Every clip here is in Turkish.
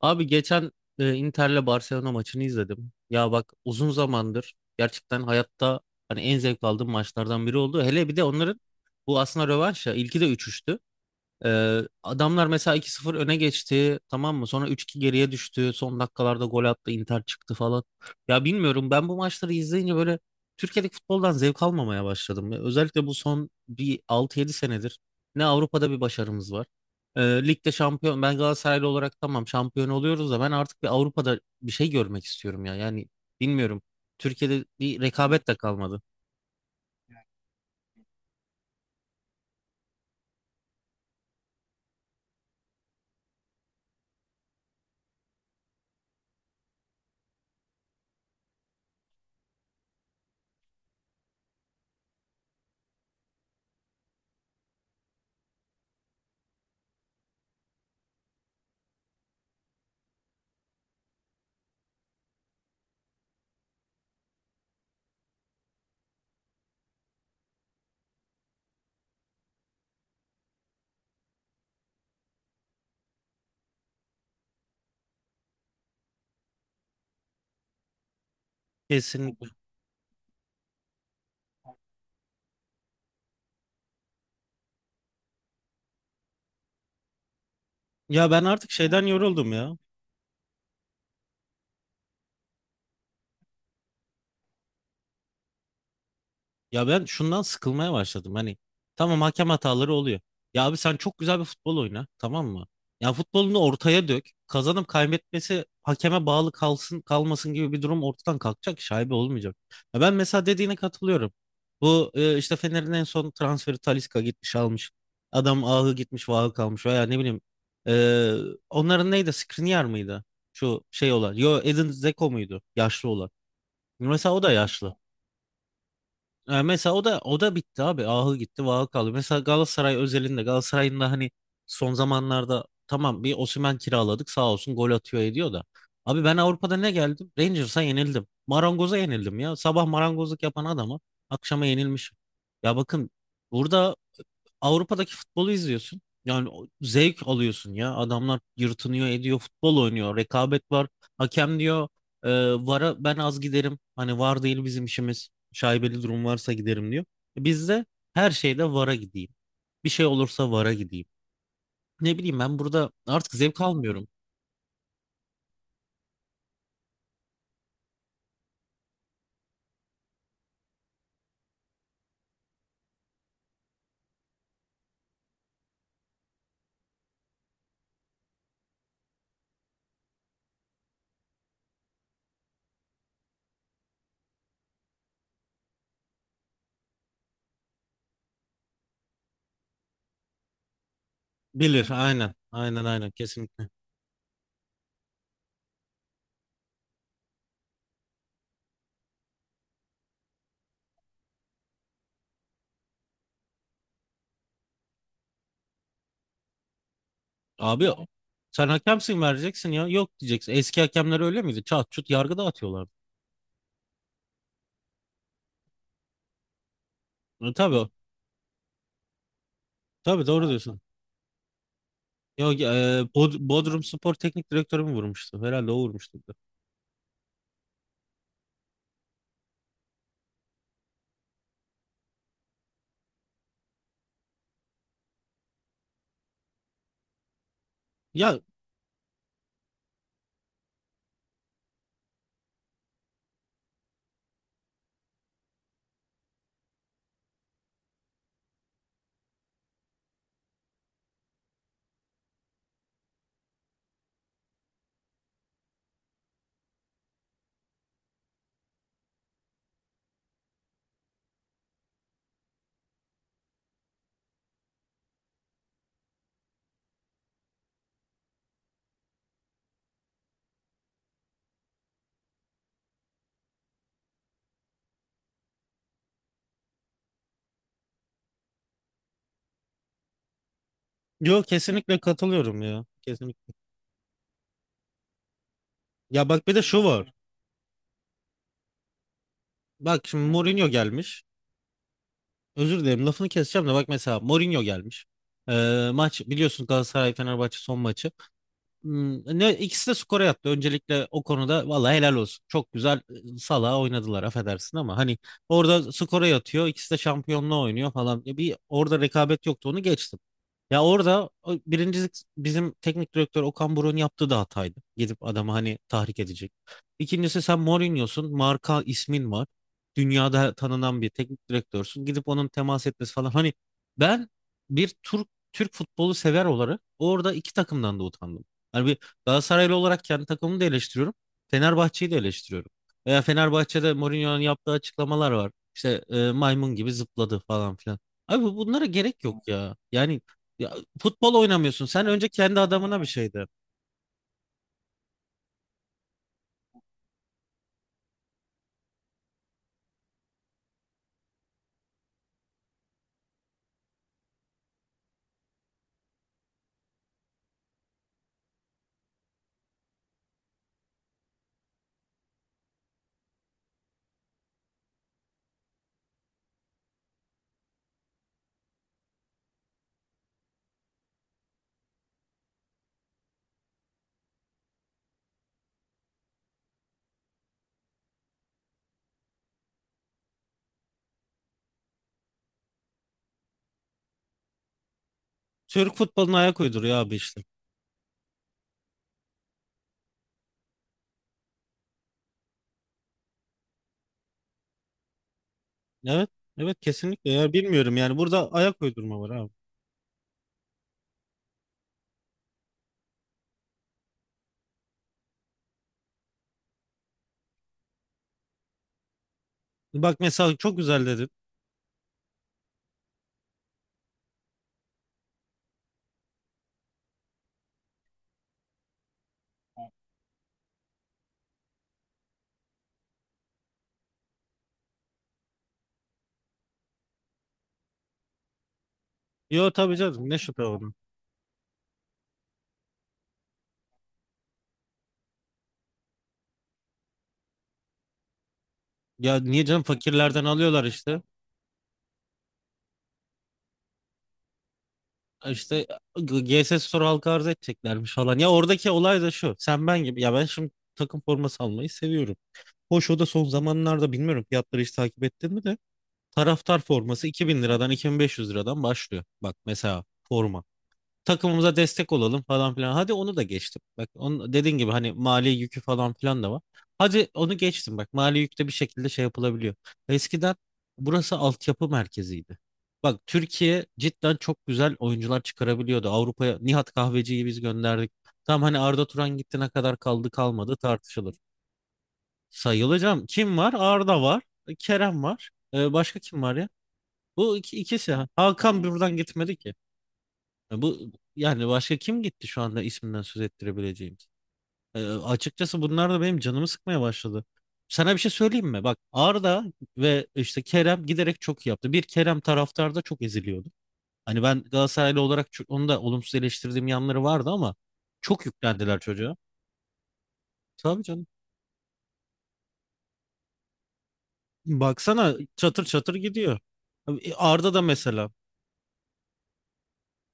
Abi geçen Inter'le Barcelona maçını izledim. Ya bak uzun zamandır gerçekten hayatta hani en zevk aldığım maçlardan biri oldu. Hele bir de onların bu aslında rövanş ya. İlki de 3. Adamlar mesela 2-0 öne geçti, tamam mı? Sonra 3-2 geriye düştü. Son dakikalarda gol attı, Inter çıktı falan. Ya bilmiyorum, ben bu maçları izleyince böyle Türkiye'deki futboldan zevk almamaya başladım. Ya özellikle bu son bir 6 yedi senedir ne Avrupa'da bir başarımız var. Ee, Ligde şampiyon, ben Galatasaraylı olarak tamam şampiyon oluyoruz da ben artık bir Avrupa'da bir şey görmek istiyorum ya. Yani bilmiyorum. Türkiye'de bir rekabet de kalmadı. Kesinlikle. Ya ben artık şeyden yoruldum ya. Ya ben şundan sıkılmaya başladım. Hani tamam, hakem hataları oluyor. Ya abi sen çok güzel bir futbol oyna, tamam mı? Ya futbolunu ortaya dök. Kazanıp kaybetmesi hakeme bağlı kalsın, kalmasın gibi bir durum ortadan kalkacak, şaibe olmayacak. Ya ben mesela dediğine katılıyorum. Bu işte Fener'in en son transferi Talisca gitmiş almış. Adam ahı gitmiş, vahı kalmış veya ne bileyim. e, Onların neydi? Skriniar mıydı? Şu şey olan. Yo, Edin Dzeko muydu? Yaşlı olan. Mesela o da yaşlı. Mesela o da o da bitti abi. Ahı gitti, vahı kaldı. Mesela Galatasaray özelinde Galatasaray'ın da hani son zamanlarda tamam, bir Osimhen kiraladık sağ olsun, gol atıyor ediyor da. Abi ben Avrupa'da ne geldim? Rangers'a yenildim. Marangoz'a yenildim ya. Sabah marangozluk yapan adama akşama yenilmişim. Ya bakın, burada Avrupa'daki futbolu izliyorsun. Yani zevk alıyorsun ya. Adamlar yırtınıyor, ediyor, futbol oynuyor. Rekabet var. Hakem diyor, e, VAR'a ben az giderim. Hani VAR değil bizim işimiz. Şaibeli durum varsa giderim diyor. Biz her şeyde VAR'a gideyim. Bir şey olursa VAR'a gideyim. Ne bileyim, ben burada artık zevk almıyorum. Bilir, aynen. Aynen, aynen, kesinlikle. Abi sen hakemsin, vereceksin ya. Yok diyeceksin. Eski hakemler öyle miydi? Çat çut yargı dağıtıyorlar. Tabii, tabii, doğru diyorsun. Yok, Bodrum Spor Teknik Direktörü mü vurmuştu? Herhalde o vurmuştu. Ya yok, kesinlikle katılıyorum ya. Kesinlikle. Ya bak, bir de şu var. Bak şimdi Mourinho gelmiş. Özür dilerim, lafını keseceğim de bak mesela Mourinho gelmiş. Maç biliyorsun, Galatasaray Fenerbahçe son maçı. Ne ikisi de skora yattı. Öncelikle o konuda vallahi helal olsun. Çok güzel, salağa oynadılar, affedersin ama hani orada skora yatıyor. İkisi de şampiyonluğa oynuyor falan. Bir orada rekabet yoktu, onu geçtim. Ya orada, o birincisi, bizim teknik direktör Okan Buruk'un yaptığı da hataydı. Gidip adamı hani tahrik edecek. İkincisi, sen Mourinho'sun. Marka ismin var. Dünyada tanınan bir teknik direktörsün. Gidip onun temas etmesi falan. Hani ben bir Türk futbolu sever olarak orada iki takımdan da utandım. Hani bir Galatasaraylı olarak kendi takımımı da eleştiriyorum. Fenerbahçe'yi de eleştiriyorum. Veya Fenerbahçe'de Mourinho'nun yaptığı açıklamalar var. İşte maymun gibi zıpladı falan filan. Abi bunlara gerek yok ya. Yani ya, futbol oynamıyorsun. Sen önce kendi adamına bir şey de. Türk futboluna ayak uyduruyor abi işte. Evet. Evet, kesinlikle ya, bilmiyorum yani, burada ayak uydurma var abi. Bak mesela çok güzel dedin. Yo tabii canım, ne şüphe onun. Ya niye canım, fakirlerden alıyorlar işte. İşte GS Store halka arz edeceklermiş falan. Ya oradaki olay da şu. Sen ben gibi. Ya ben şimdi takım forması almayı seviyorum. Hoş, o da son zamanlarda, bilmiyorum, fiyatları hiç takip ettin mi de. Taraftar forması 2.000 liradan 2500 liradan başlıyor. Bak mesela forma, takımımıza destek olalım falan filan. Hadi onu da geçtim. Bak onun dediğin gibi hani mali yükü falan filan da var. Hadi onu geçtim, bak mali yükte bir şekilde şey yapılabiliyor. Eskiden burası altyapı merkeziydi. Bak Türkiye cidden çok güzel oyuncular çıkarabiliyordu. Avrupa'ya Nihat Kahveci'yi biz gönderdik. Tam hani Arda Turan gitti, ne kadar kaldı kalmadı tartışılır. Sayılacağım. Kim var? Arda var. Kerem var. Başka kim var ya? Bu ikisi. Hakan buradan gitmedi ki. Ya bu yani başka kim gitti şu anda isminden söz ettirebileceğimiz? Açıkçası bunlar da benim canımı sıkmaya başladı. Sana bir şey söyleyeyim mi? Bak Arda ve işte Kerem giderek çok iyi yaptı. Bir Kerem, taraftar da çok eziliyordu. Hani ben Galatasaraylı olarak çok, onu da olumsuz eleştirdiğim yanları vardı ama çok yüklendiler çocuğa. Tabii canım. Baksana çatır çatır gidiyor. Abi, Arda da mesela.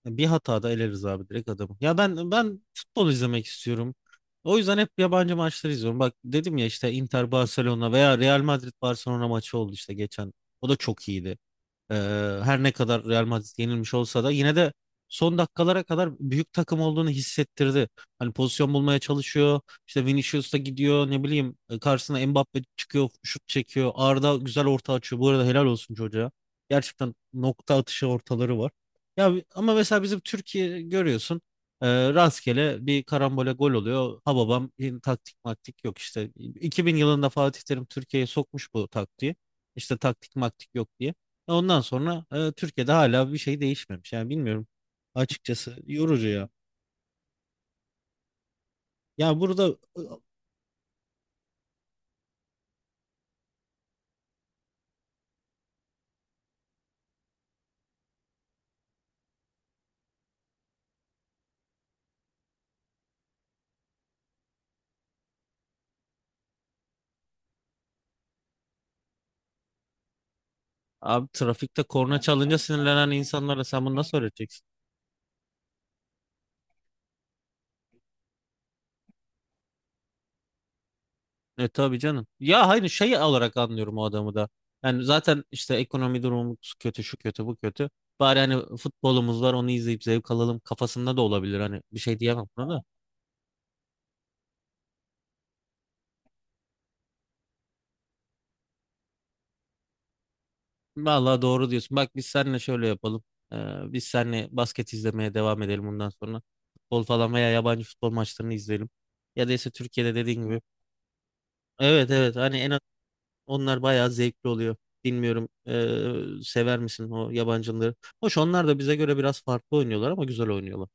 Bir hatada eleriz abi, direkt adamı. Ya ben futbol izlemek istiyorum. O yüzden hep yabancı maçları izliyorum. Bak dedim ya, işte Inter Barcelona veya Real Madrid Barcelona maçı oldu işte geçen. O da çok iyiydi. Ee, Her ne kadar Real Madrid yenilmiş olsa da yine de son dakikalara kadar büyük takım olduğunu hissettirdi. Hani pozisyon bulmaya çalışıyor. İşte Vinicius da gidiyor, ne bileyim, karşısına Mbappe çıkıyor, şut çekiyor. Arda güzel orta açıyor. Bu arada helal olsun çocuğa. Gerçekten nokta atışı ortaları var. Ya ama mesela bizim Türkiye görüyorsun, rastgele bir karambole gol oluyor. Ha babam, taktik maktik yok işte. 2000 yılında Fatih Terim Türkiye'ye sokmuş bu taktiği. İşte taktik maktik yok diye. Ondan sonra Türkiye'de hala bir şey değişmemiş. Yani bilmiyorum. Açıkçası yorucu ya. Ya burada e, abi, trafikte korna çalınca sinirlenen insanlara sen bunu nasıl öğreteceksin? E tabii canım. Ya hayır, şey olarak anlıyorum o adamı da. Yani zaten işte ekonomi durumumuz kötü, şu kötü, bu kötü. Bari hani futbolumuz var, onu izleyip zevk alalım kafasında da olabilir. Hani bir şey diyemem buna da. Vallahi doğru diyorsun. Bak biz seninle şöyle yapalım. Biz seninle basket izlemeye devam edelim bundan sonra. Futbol falan veya yabancı futbol maçlarını izleyelim. Ya da ise Türkiye'de dediğin gibi. Evet, evet, hani en az onlar bayağı zevkli oluyor. Bilmiyorum, sever misin o yabancıları? Hoş onlar da bize göre biraz farklı oynuyorlar ama güzel oynuyorlar.